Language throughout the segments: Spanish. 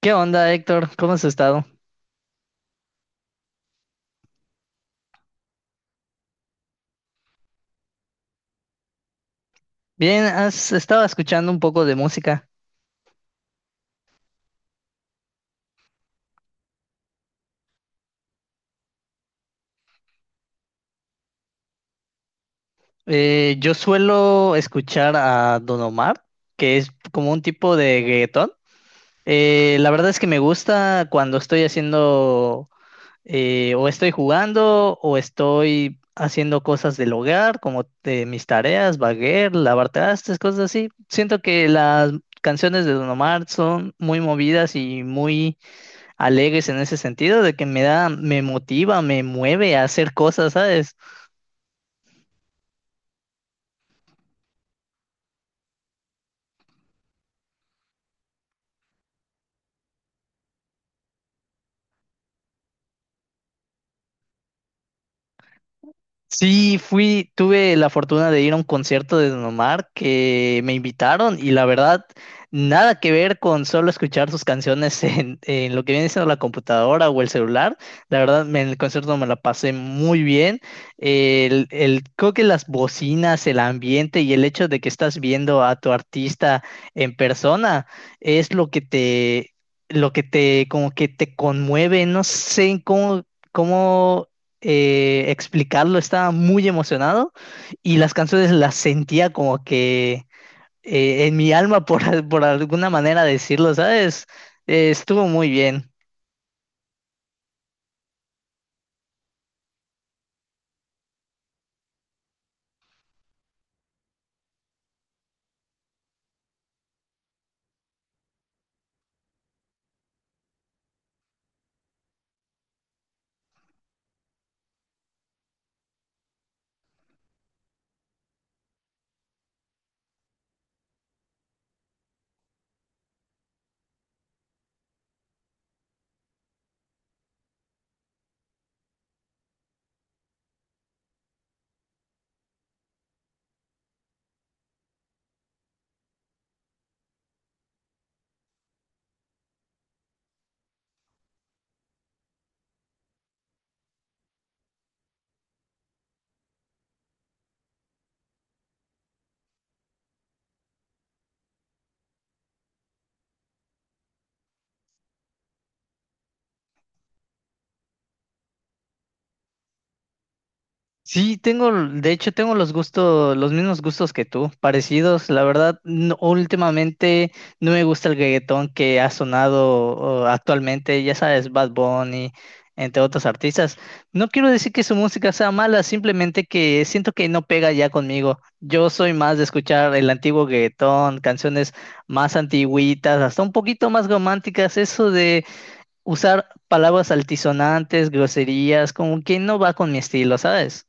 ¿Qué onda, Héctor? ¿Cómo has estado? Bien, has estado escuchando un poco de música. Yo suelo escuchar a Don Omar, que es como un tipo de reggaetón. La verdad es que me gusta cuando estoy haciendo o estoy jugando o estoy haciendo cosas del hogar, como mis tareas, baguer, lavar trastes, cosas así. Siento que las canciones de Don Omar son muy movidas y muy alegres en ese sentido, de que me da, me motiva, me mueve a hacer cosas, ¿sabes? Sí, fui, tuve la fortuna de ir a un concierto de Don Omar que me invitaron y la verdad, nada que ver con solo escuchar sus canciones en lo que viene siendo la computadora o el celular. La verdad, en el concierto me la pasé muy bien. Creo que las bocinas, el ambiente y el hecho de que estás viendo a tu artista en persona es lo que te, como que te conmueve. No sé cómo, cómo explicarlo, estaba muy emocionado y las canciones las sentía como que en mi alma, por alguna manera decirlo, ¿sabes? Estuvo muy bien. Sí, tengo, de hecho, tengo los gustos, los mismos gustos que tú, parecidos. La verdad, últimamente no me gusta el reggaetón que ha sonado oh, actualmente, ya sabes, Bad Bunny, entre otros artistas. No quiero decir que su música sea mala, simplemente que siento que no pega ya conmigo. Yo soy más de escuchar el antiguo reggaetón, canciones más antigüitas, hasta un poquito más románticas, eso de usar palabras altisonantes, groserías, como que no va con mi estilo, ¿sabes?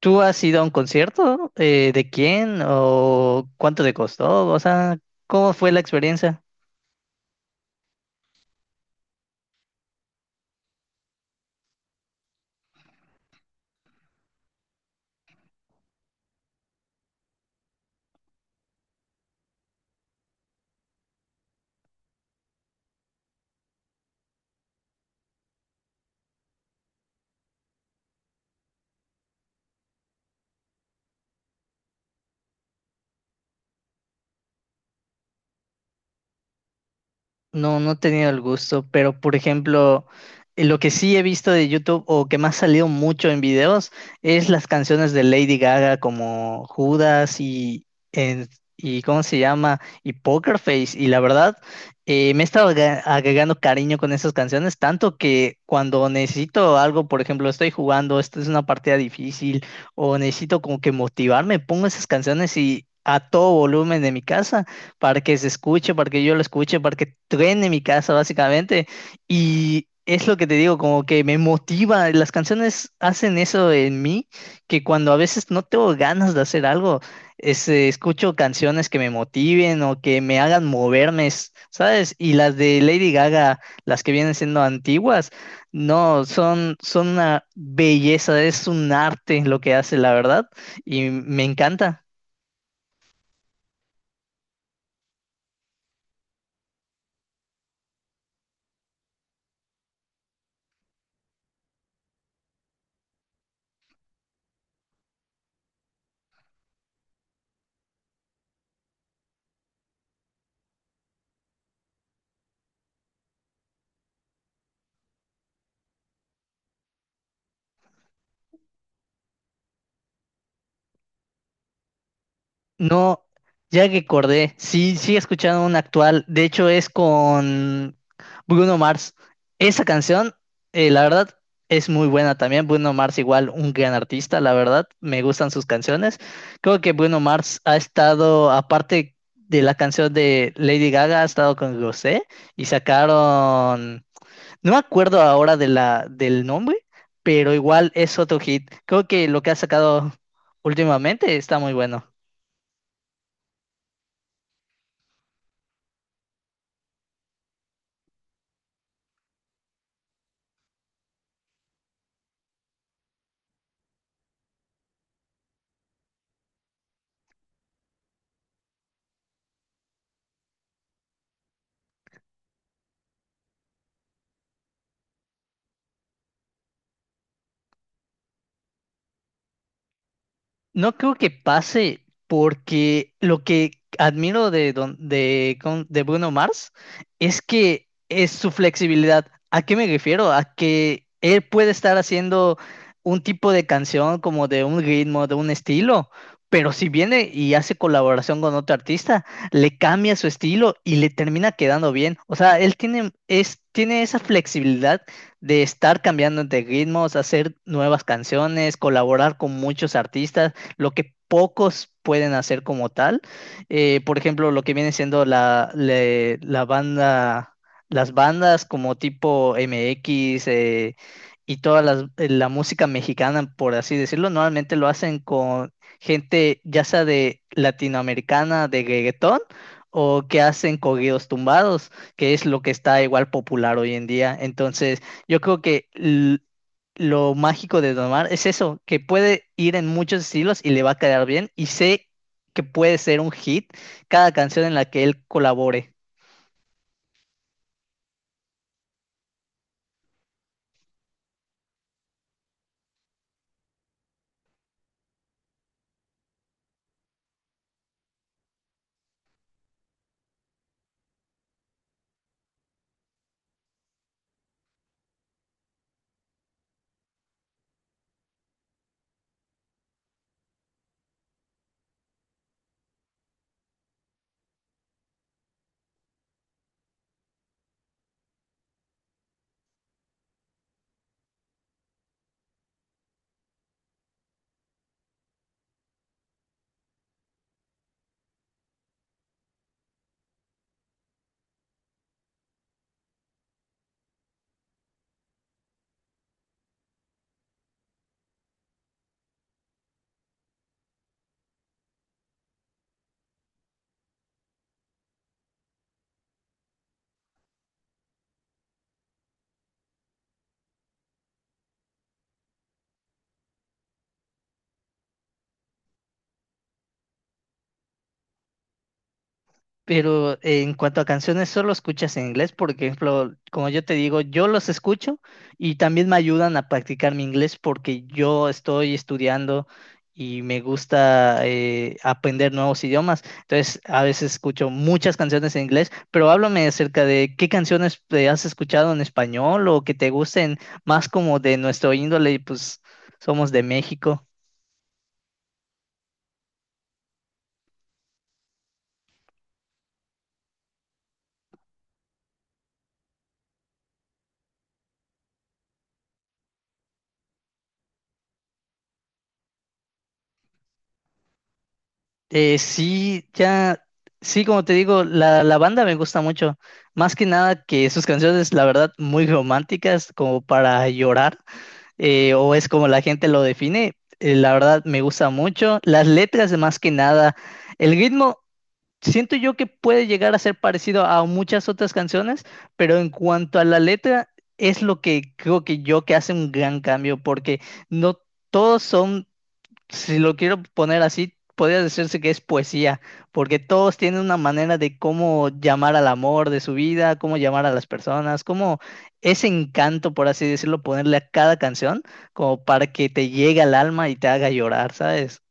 ¿Tú has ido a un concierto? ¿De quién? ¿O cuánto te costó? O sea, ¿cómo fue la experiencia? No, no he tenido el gusto, pero por ejemplo, lo que sí he visto de YouTube o que me ha salido mucho en videos es las canciones de Lady Gaga como Judas y, y ¿cómo se llama? Y Poker Face. Y la verdad, me he estado agregando cariño con esas canciones, tanto que cuando necesito algo, por ejemplo, estoy jugando, esta es una partida difícil o necesito como que motivarme, pongo esas canciones y a todo volumen de mi casa para que se escuche, para que yo lo escuche, para que truene mi casa, básicamente. Y es lo que te digo, como que me motiva. Las canciones hacen eso en mí, que cuando a veces no tengo ganas de hacer algo, escucho canciones que me motiven o que me hagan moverme, ¿sabes? Y las de Lady Gaga, las que vienen siendo antiguas, no, son una belleza, es un arte lo que hace, la verdad, y me encanta. No, ya que acordé, sí he escuchado una actual, de hecho es con Bruno Mars. Esa canción, la verdad, es muy buena también. Bruno Mars igual un gran artista, la verdad, me gustan sus canciones. Creo que Bruno Mars ha estado, aparte de la canción de Lady Gaga, ha estado con Rosé y sacaron, no me acuerdo ahora del nombre, pero igual es otro hit. Creo que lo que ha sacado últimamente está muy bueno. No creo que pase porque lo que admiro de, Don- de, con- de Bruno Mars es que es su flexibilidad. ¿A qué me refiero? A que él puede estar haciendo un tipo de canción como de un ritmo, de un estilo, pero si viene y hace colaboración con otro artista, le cambia su estilo y le termina quedando bien. O sea, tiene esa flexibilidad de estar cambiando de ritmos, hacer nuevas canciones, colaborar con muchos artistas, lo que pocos pueden hacer como tal. Por ejemplo, lo que viene siendo la banda, las bandas como tipo MX y la música mexicana, por así decirlo, normalmente lo hacen con gente ya sea de latinoamericana, de reggaetón, o que hacen corridos tumbados, que es lo que está igual popular hoy en día. Entonces, yo creo que lo mágico de Don Omar es eso, que puede ir en muchos estilos y le va a quedar bien. Y sé que puede ser un hit cada canción en la que él colabore. Pero en cuanto a canciones, ¿solo escuchas en inglés? Por ejemplo, como yo te digo, yo los escucho y también me ayudan a practicar mi inglés porque yo estoy estudiando y me gusta aprender nuevos idiomas. Entonces, a veces escucho muchas canciones en inglés, pero háblame acerca de qué canciones has escuchado en español o que te gusten más como de nuestro índole, pues somos de México. Eh, sí, ya, sí, como te digo, la banda me gusta mucho. Más que nada que sus canciones, la verdad, muy románticas, como para llorar, o es como la gente lo define. La verdad, me gusta mucho. Las letras, más que nada, el ritmo, siento yo que puede llegar a ser parecido a muchas otras canciones, pero en cuanto a la letra, es lo que creo que yo que hace un gran cambio, porque no todos son, si lo quiero poner así, podría decirse que es poesía, porque todos tienen una manera de cómo llamar al amor de su vida, cómo llamar a las personas, cómo ese encanto, por así decirlo, ponerle a cada canción, como para que te llegue al alma y te haga llorar, ¿sabes?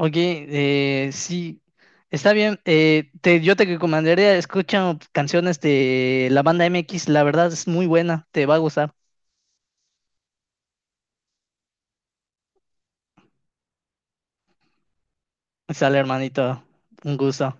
Oye, sí, está bien. Te, yo te recomendaría, escucha canciones de la banda MX, la verdad es muy buena, te va a gustar. Sale, hermanito, un gusto.